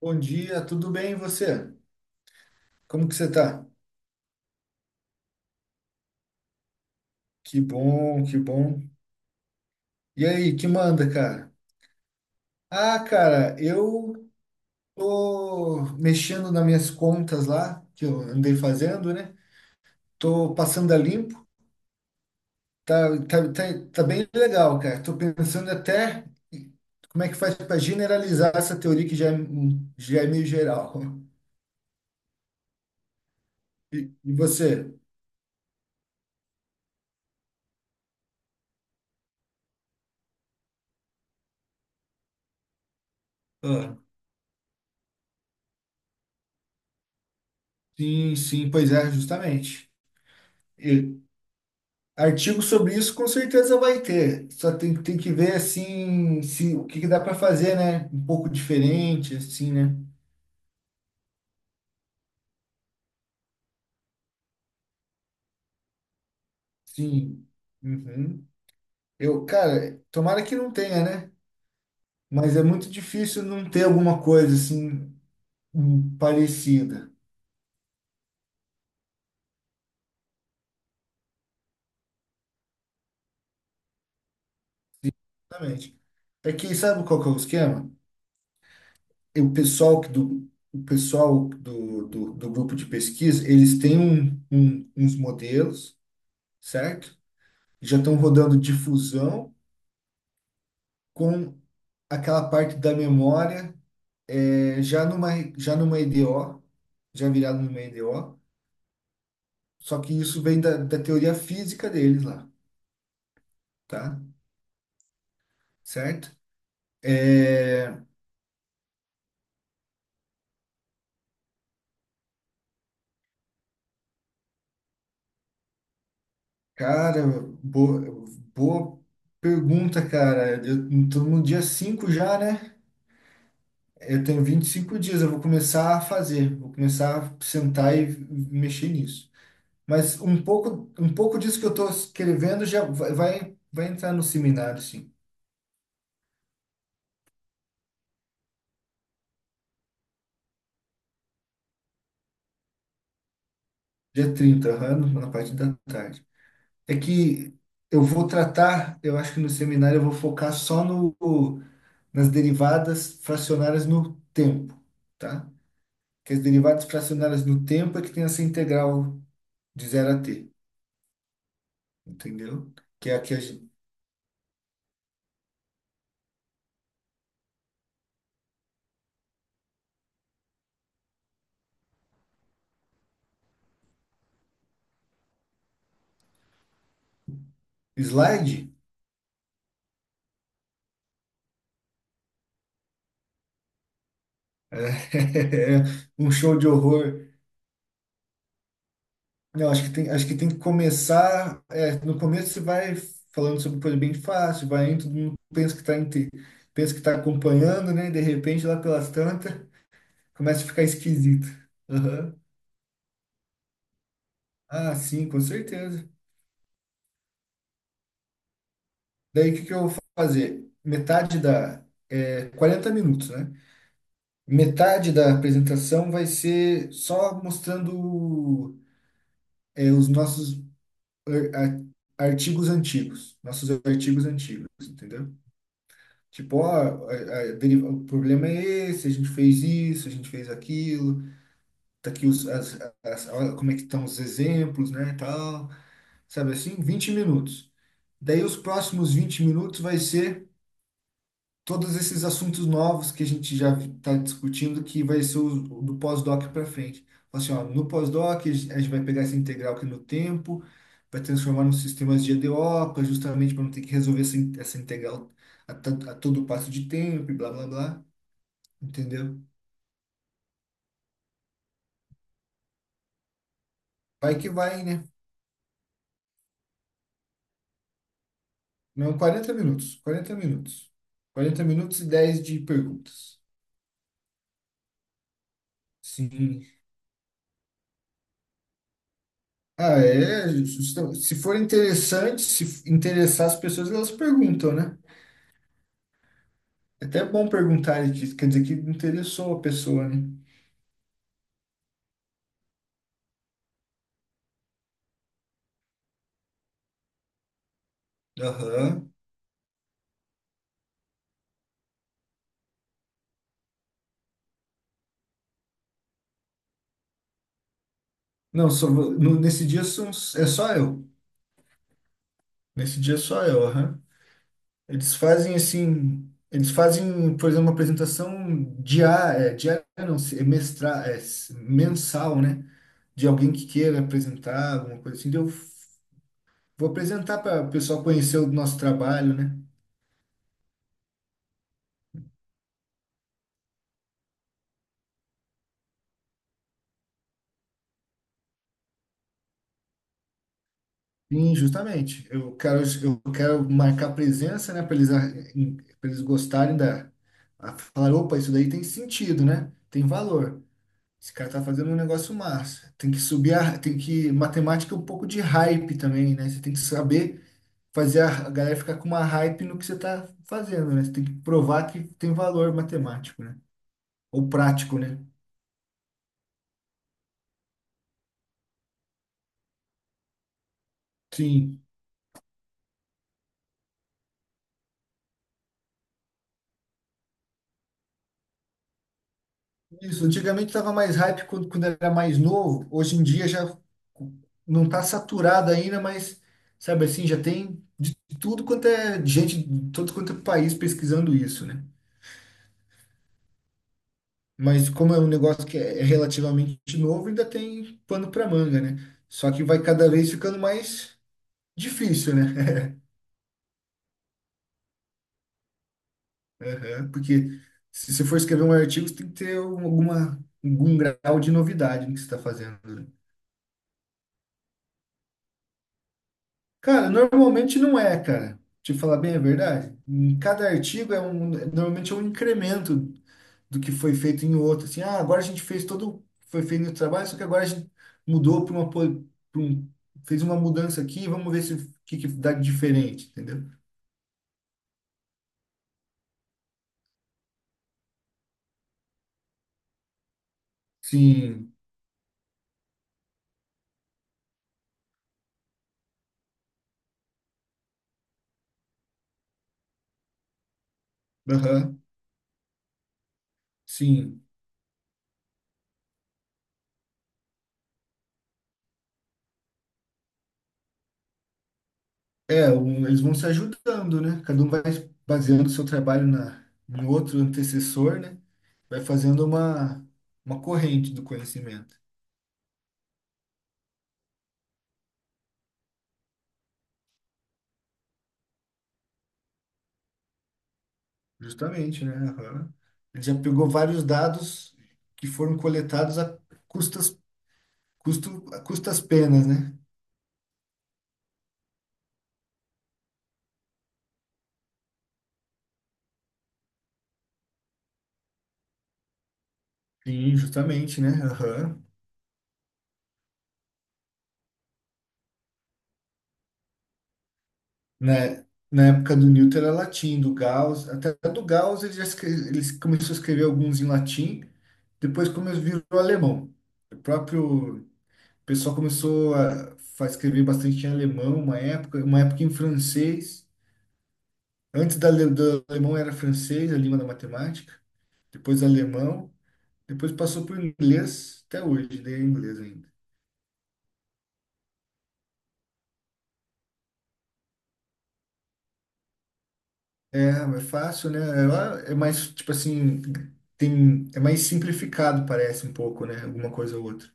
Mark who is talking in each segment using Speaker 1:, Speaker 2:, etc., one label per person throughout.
Speaker 1: Bom dia, tudo bem e você? Como que você tá? Que bom, que bom. E aí, que manda, cara? Ah, cara, eu tô mexendo nas minhas contas lá, que eu andei fazendo, né? Tô passando a limpo, tá, tá, tá, tá bem legal, cara. Tô pensando até como é que faz para generalizar essa teoria que já é, já é meio geral. E você? Ah, sim, sim, pois é, justamente. Artigo sobre isso com certeza vai ter. Só tem, tem que ver assim se o que, que dá para fazer, né? Um pouco diferente, assim, né? Sim. Uhum. Eu, cara, tomara que não tenha, né? Mas é muito difícil não ter alguma coisa assim parecida. Exatamente. É que sabe qual que é o esquema? E o pessoal que do o pessoal do grupo de pesquisa, eles têm uns modelos, certo? Já estão rodando difusão com aquela parte da memória, é, já numa, já numa EDO, já virado numa EDO, só que isso vem da, da teoria física deles lá, tá? Certo? É, cara, boa, boa pergunta, cara. Eu tô no dia 5 já, né? Eu tenho 25 dias, eu vou começar a fazer, vou começar a sentar e mexer nisso. Mas um pouco disso que eu estou escrevendo já vai, vai entrar no seminário, sim. Dia 30, aham, na parte da tarde. É que eu vou tratar, eu acho que no seminário eu vou focar só no, nas derivadas fracionárias no tempo, tá? Que as derivadas fracionárias no tempo é que tem essa integral de zero a t, entendeu? Que é a que a gente- slide. É um show de horror. Eu acho que tem que começar. É, no começo você vai falando sobre coisa bem fácil, vai indo, todo mundo pensa que está acompanhando, né? De repente, lá pelas tantas, começa a ficar esquisito. Aham. Ah, sim, com certeza. Daí o que que eu vou fazer? Metade da. É, 40 minutos, né? Metade da apresentação vai ser só mostrando, os nossos ar- ar- artigos antigos, nossos artigos antigos, entendeu? Tipo, ó, o problema é esse, a gente fez isso, a gente fez aquilo, tá aqui olha como é que estão os exemplos, né, e tal, sabe assim? 20 minutos. Daí os próximos 20 minutos vai ser todos esses assuntos novos que a gente já está discutindo, que vai ser o, do pós-doc para frente. Fala assim, ó, no pós-doc, a gente vai pegar essa integral aqui no tempo, vai transformar num sistemas de EDO, justamente para não ter que resolver essa integral a todo passo de tempo e blá, blá, blá, entendeu? Vai que vai, né? Não, 40 minutos. Quarenta minutos e 10 de perguntas. Sim. Ah, é. Se for interessante, se interessar as pessoas, elas perguntam, né? É até bom perguntar, disso, quer dizer que interessou a pessoa, né? Aham. Não, só, vou- no- Nesse dia são, é só eu. Nesse dia é só eu, aham. Eles fazem assim. Eles fazem, por exemplo, uma apresentação diária, diária não, se- é mestra, é s- mensal, né? De alguém que queira apresentar, alguma coisa assim, daí vou apresentar para o pessoal conhecer o nosso trabalho, né? Sim, justamente. Eu quero marcar presença, né, para eles gostarem da. A falar, opa, isso daí tem sentido, né? Tem valor. Esse cara tá fazendo um negócio massa. Tem que, matemática é um pouco de hype também, né? Você tem que saber fazer a galera ficar com uma hype no que você tá fazendo, né? Você tem que provar que tem valor matemático, né? Ou prático, né? Sim. Isso, antigamente estava mais hype quando, quando era mais novo, hoje em dia já não está saturado ainda, mas sabe assim, já tem de tudo quanto é gente, de todo quanto é país pesquisando isso, né? Mas como é um negócio que é relativamente novo, ainda tem pano para manga, né? Só que vai cada vez ficando mais difícil, né? Aham. Porque se você for escrever um artigo, você tem que ter algum grau de novidade no que você está fazendo, né? Cara, normalmente não é, cara. Te falar bem a verdade. Em cada artigo é um, normalmente é um incremento do que foi feito em outro. Assim, ah, agora a gente fez todo, foi feito o trabalho, só que agora a gente mudou para uma, po- pra um, fez uma mudança aqui, vamos ver se o que, que dá de diferente, entendeu? Sim, aham, sim. É, eles vão se ajudando, né? Cada um vai baseando o seu trabalho no outro antecessor, né? Vai fazendo uma corrente do conhecimento. Justamente, né? Aham. Ele já pegou vários dados que foram coletados custas, a custas penas, né? Sim, justamente, né? Aham. Na, na época do Newton era latim, até do Gauss ele já escreve, ele começou a escrever alguns em latim, depois começou virou alemão. O próprio pessoal começou a escrever bastante em alemão, uma época em francês. Antes do alemão era francês, a língua da matemática, depois alemão, depois passou por inglês, até hoje, daí é inglês ainda. É, é fácil, né? Ela é mais, tipo assim, tem, é mais simplificado, parece um pouco, né? Alguma coisa ou outra.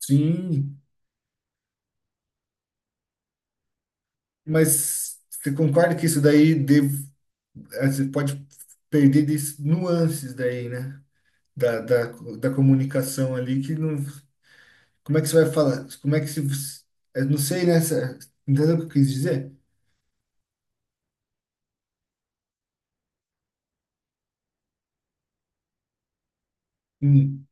Speaker 1: Sim, mas você concorda que isso daí deve, você pode perder nuances daí, né? Da, da, da comunicação ali que não. Como é que você vai falar? Como é que se. Você- Eu não sei, né? Entendeu o que eu quis dizer? Hum,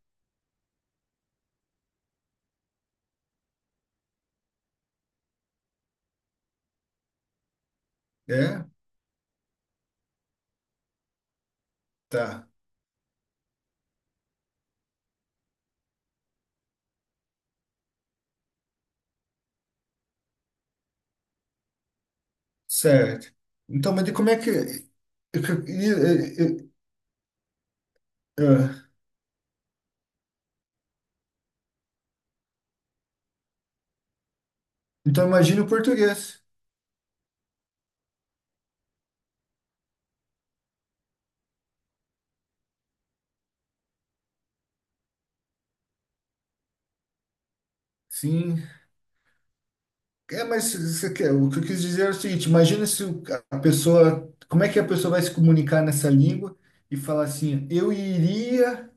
Speaker 1: é? Tá. Certo. Então, mas de como é que. Eu- eu- ah, então, imagina o português. Sim. É, mas você quer, o que eu quis dizer é o seguinte: imagina se o- a pessoa. Como é que a pessoa vai se comunicar nessa língua e falar assim: eu iria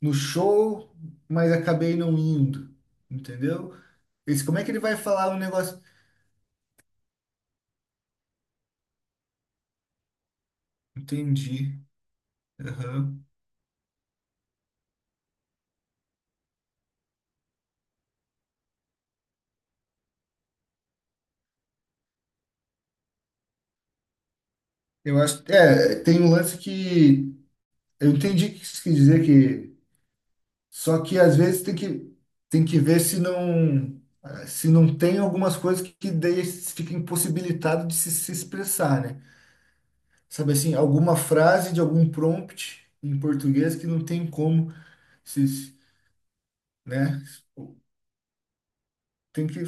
Speaker 1: no show, mas acabei não indo. Entendeu? Esse, como é que ele vai falar o negócio? Entendi. Aham. Eu acho, é, tem um lance que eu entendi o que isso quis dizer que só que às vezes tem que ver se não se não tem algumas coisas que daí fica impossibilitado de se, se expressar, né? Sabe assim, alguma frase de algum prompt em português que não tem como se, se- né? Tem que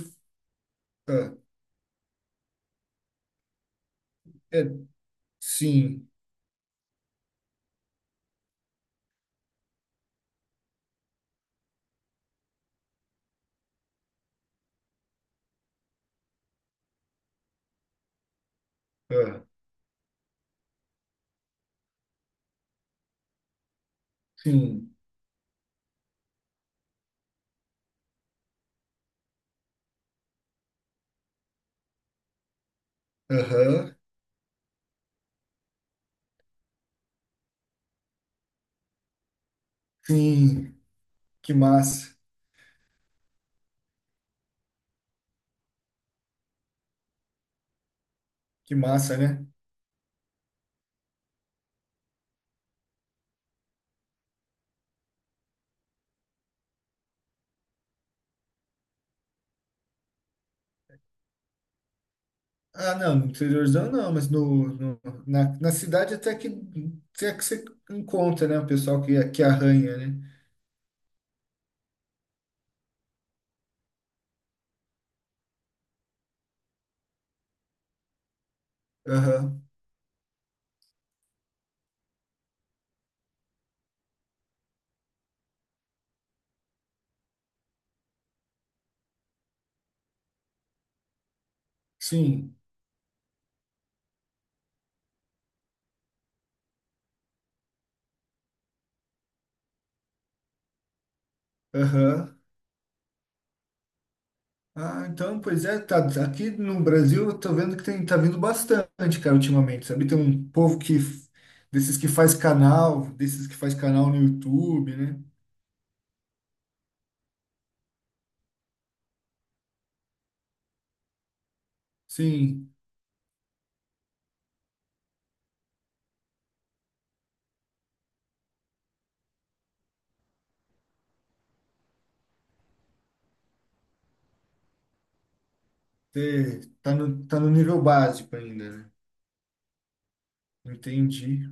Speaker 1: ah, é, sim, ah, sim, aham, sim, que massa, que massa, né? Ah, não, no interiorzão não, mas na cidade até que você encontra, né? O pessoal que arranha, né? Aham. Sim, aham. Ah, então, pois é, tá, aqui no Brasil eu tô vendo que tem, tá vindo bastante, cara, ultimamente, sabe? Tem um povo que, desses que faz canal no YouTube, né? Sim, é, tá no nível básico ainda, né? Entendi.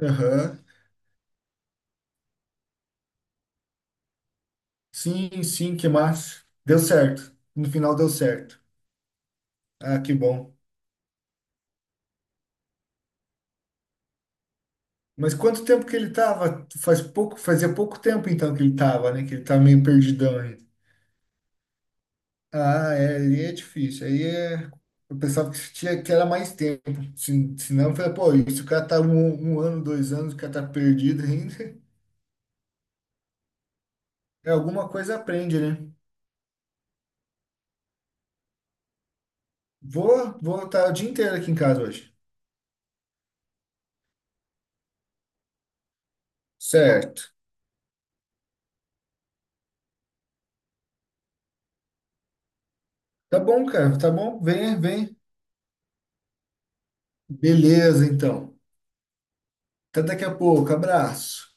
Speaker 1: Aham. Sim, sim, que massa. Deu certo. No final deu certo. Ah, que bom. Mas quanto tempo que ele tava? Faz pouco, fazia pouco tempo então que ele tava, né? Que ele tá meio perdidão ainda. Ah, é, aí é difícil. Aí é. Eu pensava que tinha que era mais tempo. Se não, eu falei, pô, isso o cara tá 1 ano, 2 anos, o cara tá perdido ainda. É alguma coisa aprende, né? Vou, vou estar o dia inteiro aqui em casa hoje. Certo. Tá bom, cara, tá bom? Vem, vem. Beleza, então. Até daqui a pouco. Abraço.